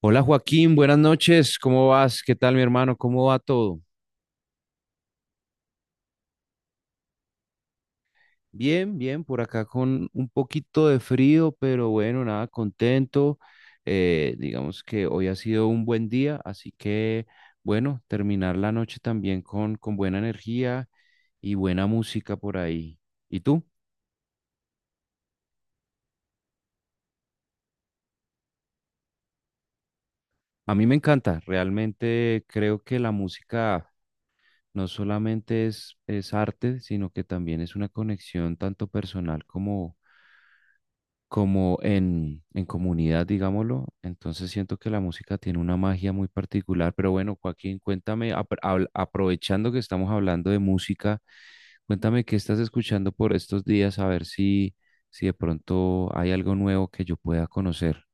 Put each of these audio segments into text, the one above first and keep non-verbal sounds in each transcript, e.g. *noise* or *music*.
Hola Joaquín, buenas noches, ¿cómo vas? ¿Qué tal mi hermano? ¿Cómo va todo? Bien, bien, por acá con un poquito de frío, pero bueno, nada, contento. Digamos que hoy ha sido un buen día, así que bueno, terminar la noche también con buena energía y buena música por ahí. ¿Y tú? A mí me encanta, realmente creo que la música no solamente es arte, sino que también es una conexión tanto personal como como en comunidad, digámoslo. Entonces siento que la música tiene una magia muy particular, pero bueno, Joaquín, cuéntame, aprovechando que estamos hablando de música, cuéntame qué estás escuchando por estos días, a ver si, si de pronto hay algo nuevo que yo pueda conocer.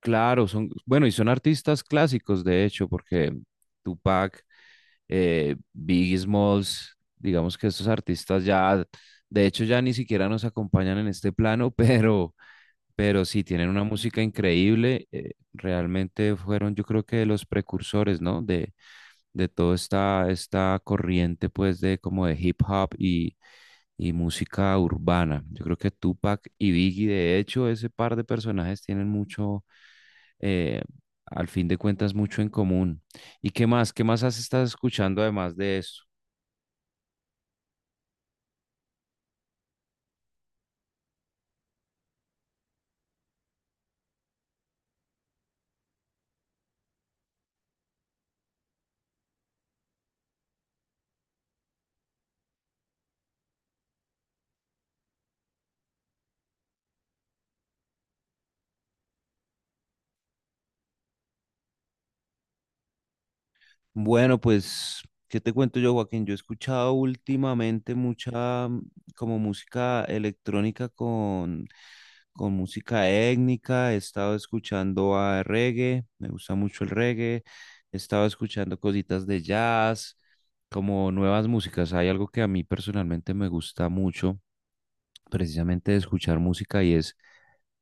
Claro, son, bueno, y son artistas clásicos, de hecho, porque Tupac, Biggie Smalls, digamos que estos artistas ya, de hecho, ya ni siquiera nos acompañan en este plano, *laughs* pero... Pero sí, tienen una música increíble. Realmente fueron, yo creo que los precursores, ¿no? De toda esta corriente, pues, de como de hip hop y música urbana. Yo creo que Tupac y Biggie, de hecho, ese par de personajes tienen mucho, eh, al fin de cuentas, mucho en común. ¿Y qué más? ¿Qué más has estado escuchando además de eso? Bueno, pues, ¿qué te cuento yo, Joaquín? Yo he escuchado últimamente mucha como música electrónica con música étnica, he estado escuchando a reggae, me gusta mucho el reggae, he estado escuchando cositas de jazz, como nuevas músicas. Hay algo que a mí personalmente me gusta mucho, precisamente de escuchar música y es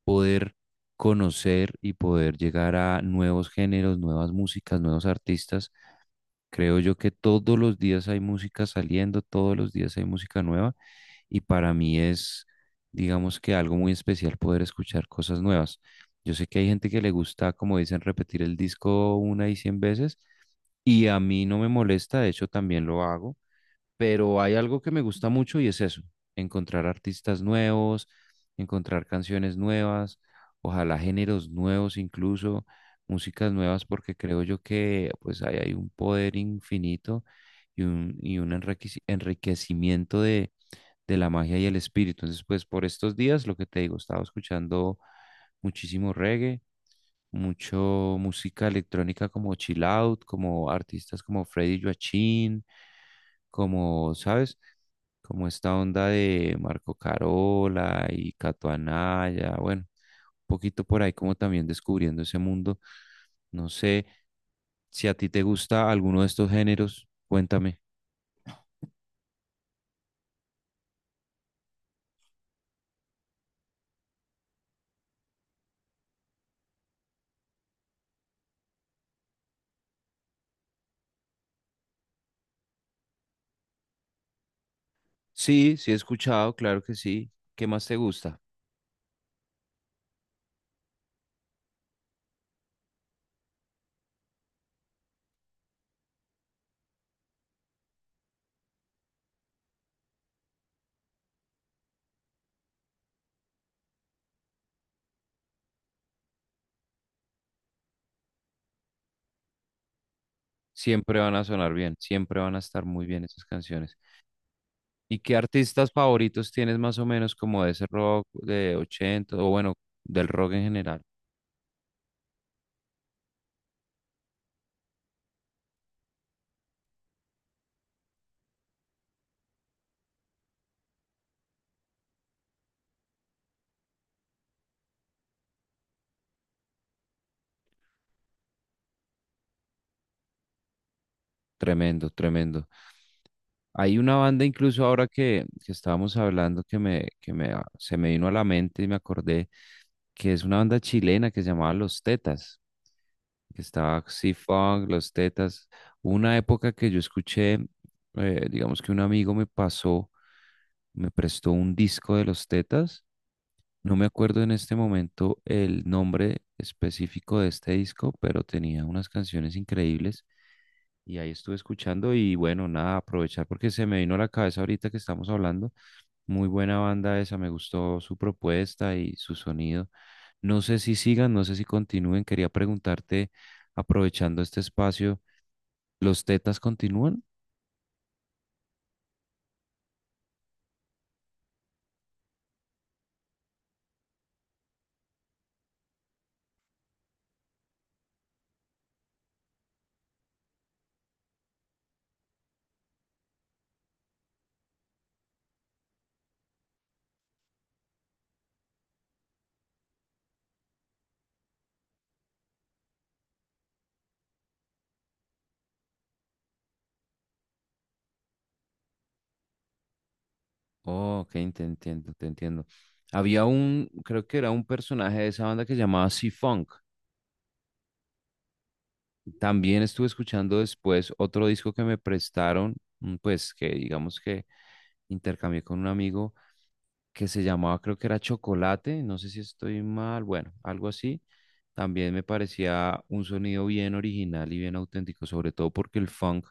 poder conocer y poder llegar a nuevos géneros, nuevas músicas, nuevos artistas. Creo yo que todos los días hay música saliendo, todos los días hay música nueva y para mí es, digamos que algo muy especial poder escuchar cosas nuevas. Yo sé que hay gente que le gusta, como dicen, repetir el disco una y cien veces y a mí no me molesta, de hecho también lo hago, pero hay algo que me gusta mucho y es eso, encontrar artistas nuevos, encontrar canciones nuevas, ojalá géneros nuevos incluso, músicas nuevas, porque creo yo que pues ahí hay un poder infinito y y un enriquecimiento de la magia y el espíritu. Entonces, pues por estos días, lo que te digo, estaba escuchando muchísimo reggae, mucho música electrónica como chill out, como artistas como Freddy Joachim, como, ¿sabes? Como esta onda de Marco Carola y Cato Anaya, bueno, un poquito por ahí como también descubriendo ese mundo. No sé si a ti te gusta alguno de estos géneros, cuéntame. Sí, sí he escuchado, claro que sí. ¿Qué más te gusta? Siempre van a sonar bien, siempre van a estar muy bien esas canciones. ¿Y qué artistas favoritos tienes más o menos como de ese rock de 80 o bueno, del rock en general? Tremendo, tremendo. Hay una banda incluso ahora que estábamos hablando que me ah, se me vino a la mente y me acordé que es una banda chilena que se llamaba Los Tetas, que estaba Xi-Funk, Los Tetas. Hubo una época que yo escuché, digamos que un amigo me pasó, me prestó un disco de Los Tetas. No me acuerdo en este momento el nombre específico de este disco, pero tenía unas canciones increíbles y ahí estuve escuchando y bueno, nada, aprovechar porque se me vino a la cabeza ahorita que estamos hablando. Muy buena banda esa, me gustó su propuesta y su sonido. No sé si sigan, no sé si continúen. Quería preguntarte, aprovechando este espacio, ¿los Tetas continúan? Oh, ok, te entiendo, te entiendo. Había un, creo que era un personaje de esa banda que se llamaba C-Funk. También estuve escuchando después otro disco que me prestaron, pues que digamos que intercambié con un amigo que se llamaba, creo que era Chocolate, no sé si estoy mal, bueno, algo así. También me parecía un sonido bien original y bien auténtico, sobre todo porque el funk,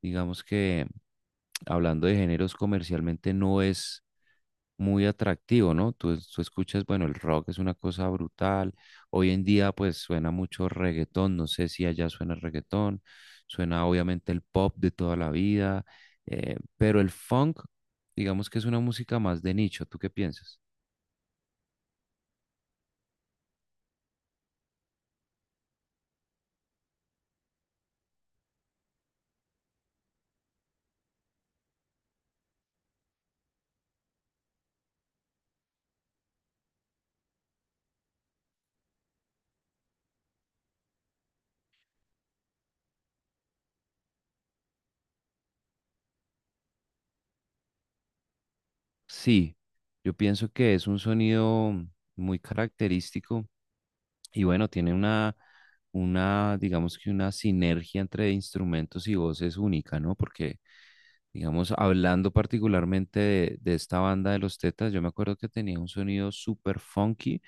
digamos que *tsk* hablando de géneros comercialmente, no es muy atractivo, ¿no? Tú escuchas, bueno, el rock es una cosa brutal. Hoy en día, pues suena mucho reggaetón. No sé si allá suena reggaetón. Suena obviamente el pop de toda la vida. Pero el funk, digamos que es una música más de nicho. ¿Tú qué piensas? Sí, yo pienso que es un sonido muy característico. Y bueno, tiene una, digamos que una sinergia entre instrumentos y voces única, ¿no? Porque, digamos, hablando particularmente de esta banda de los Tetas, yo me acuerdo que tenía un sonido súper funky,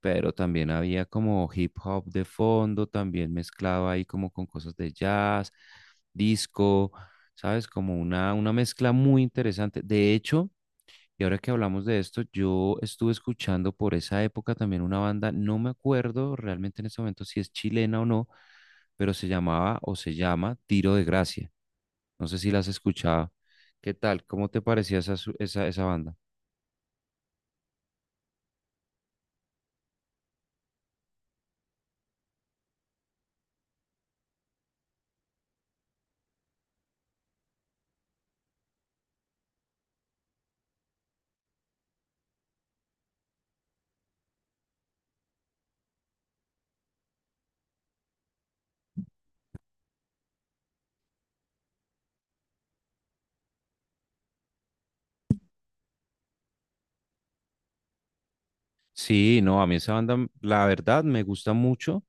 pero también había como hip hop de fondo, también mezclaba ahí como con cosas de jazz, disco, ¿sabes? Como una mezcla muy interesante. De hecho, y ahora que hablamos de esto, yo estuve escuchando por esa época también una banda, no me acuerdo realmente en este momento si es chilena o no, pero se llamaba o se llama Tiro de Gracia. No sé si las has escuchado. ¿Qué tal? ¿Cómo te parecía esa, esa banda? Sí, no, a mí esa banda, la verdad, me gusta mucho.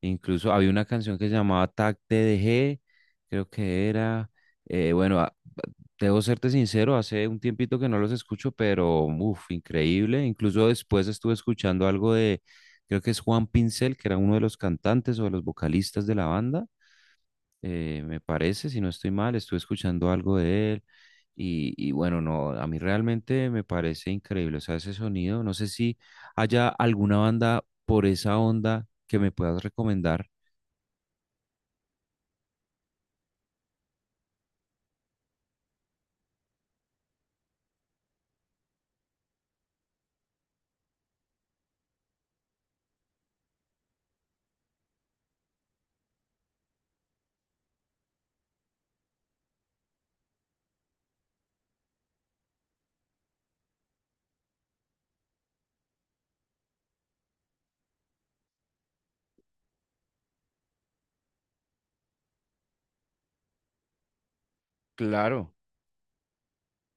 Incluso había una canción que se llamaba Tac TDG, creo que era, eh, bueno, a- debo serte sincero, hace un tiempito que no los escucho, pero uff, increíble. Incluso después estuve escuchando algo de, creo que es Juan Pincel, que era uno de los cantantes o de los vocalistas de la banda, me parece, si no estoy mal, estuve escuchando algo de él. Y bueno, no, a mí realmente me parece increíble, o sea, ese sonido, no sé si haya alguna banda por esa onda que me puedas recomendar. Claro,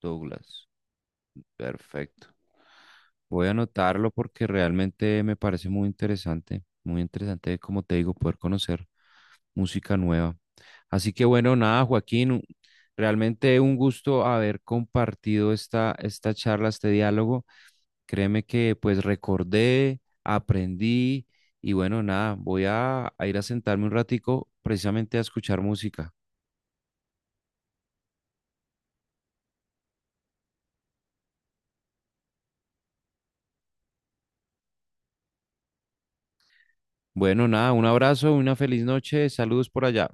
Douglas. Perfecto. Voy a anotarlo porque realmente me parece muy interesante, como te digo, poder conocer música nueva. Así que bueno, nada, Joaquín, realmente un gusto haber compartido esta, esta charla, este diálogo. Créeme que pues recordé, aprendí y bueno, nada, voy a ir a sentarme un ratico precisamente a escuchar música. Bueno, nada, un abrazo, una feliz noche, saludos por allá.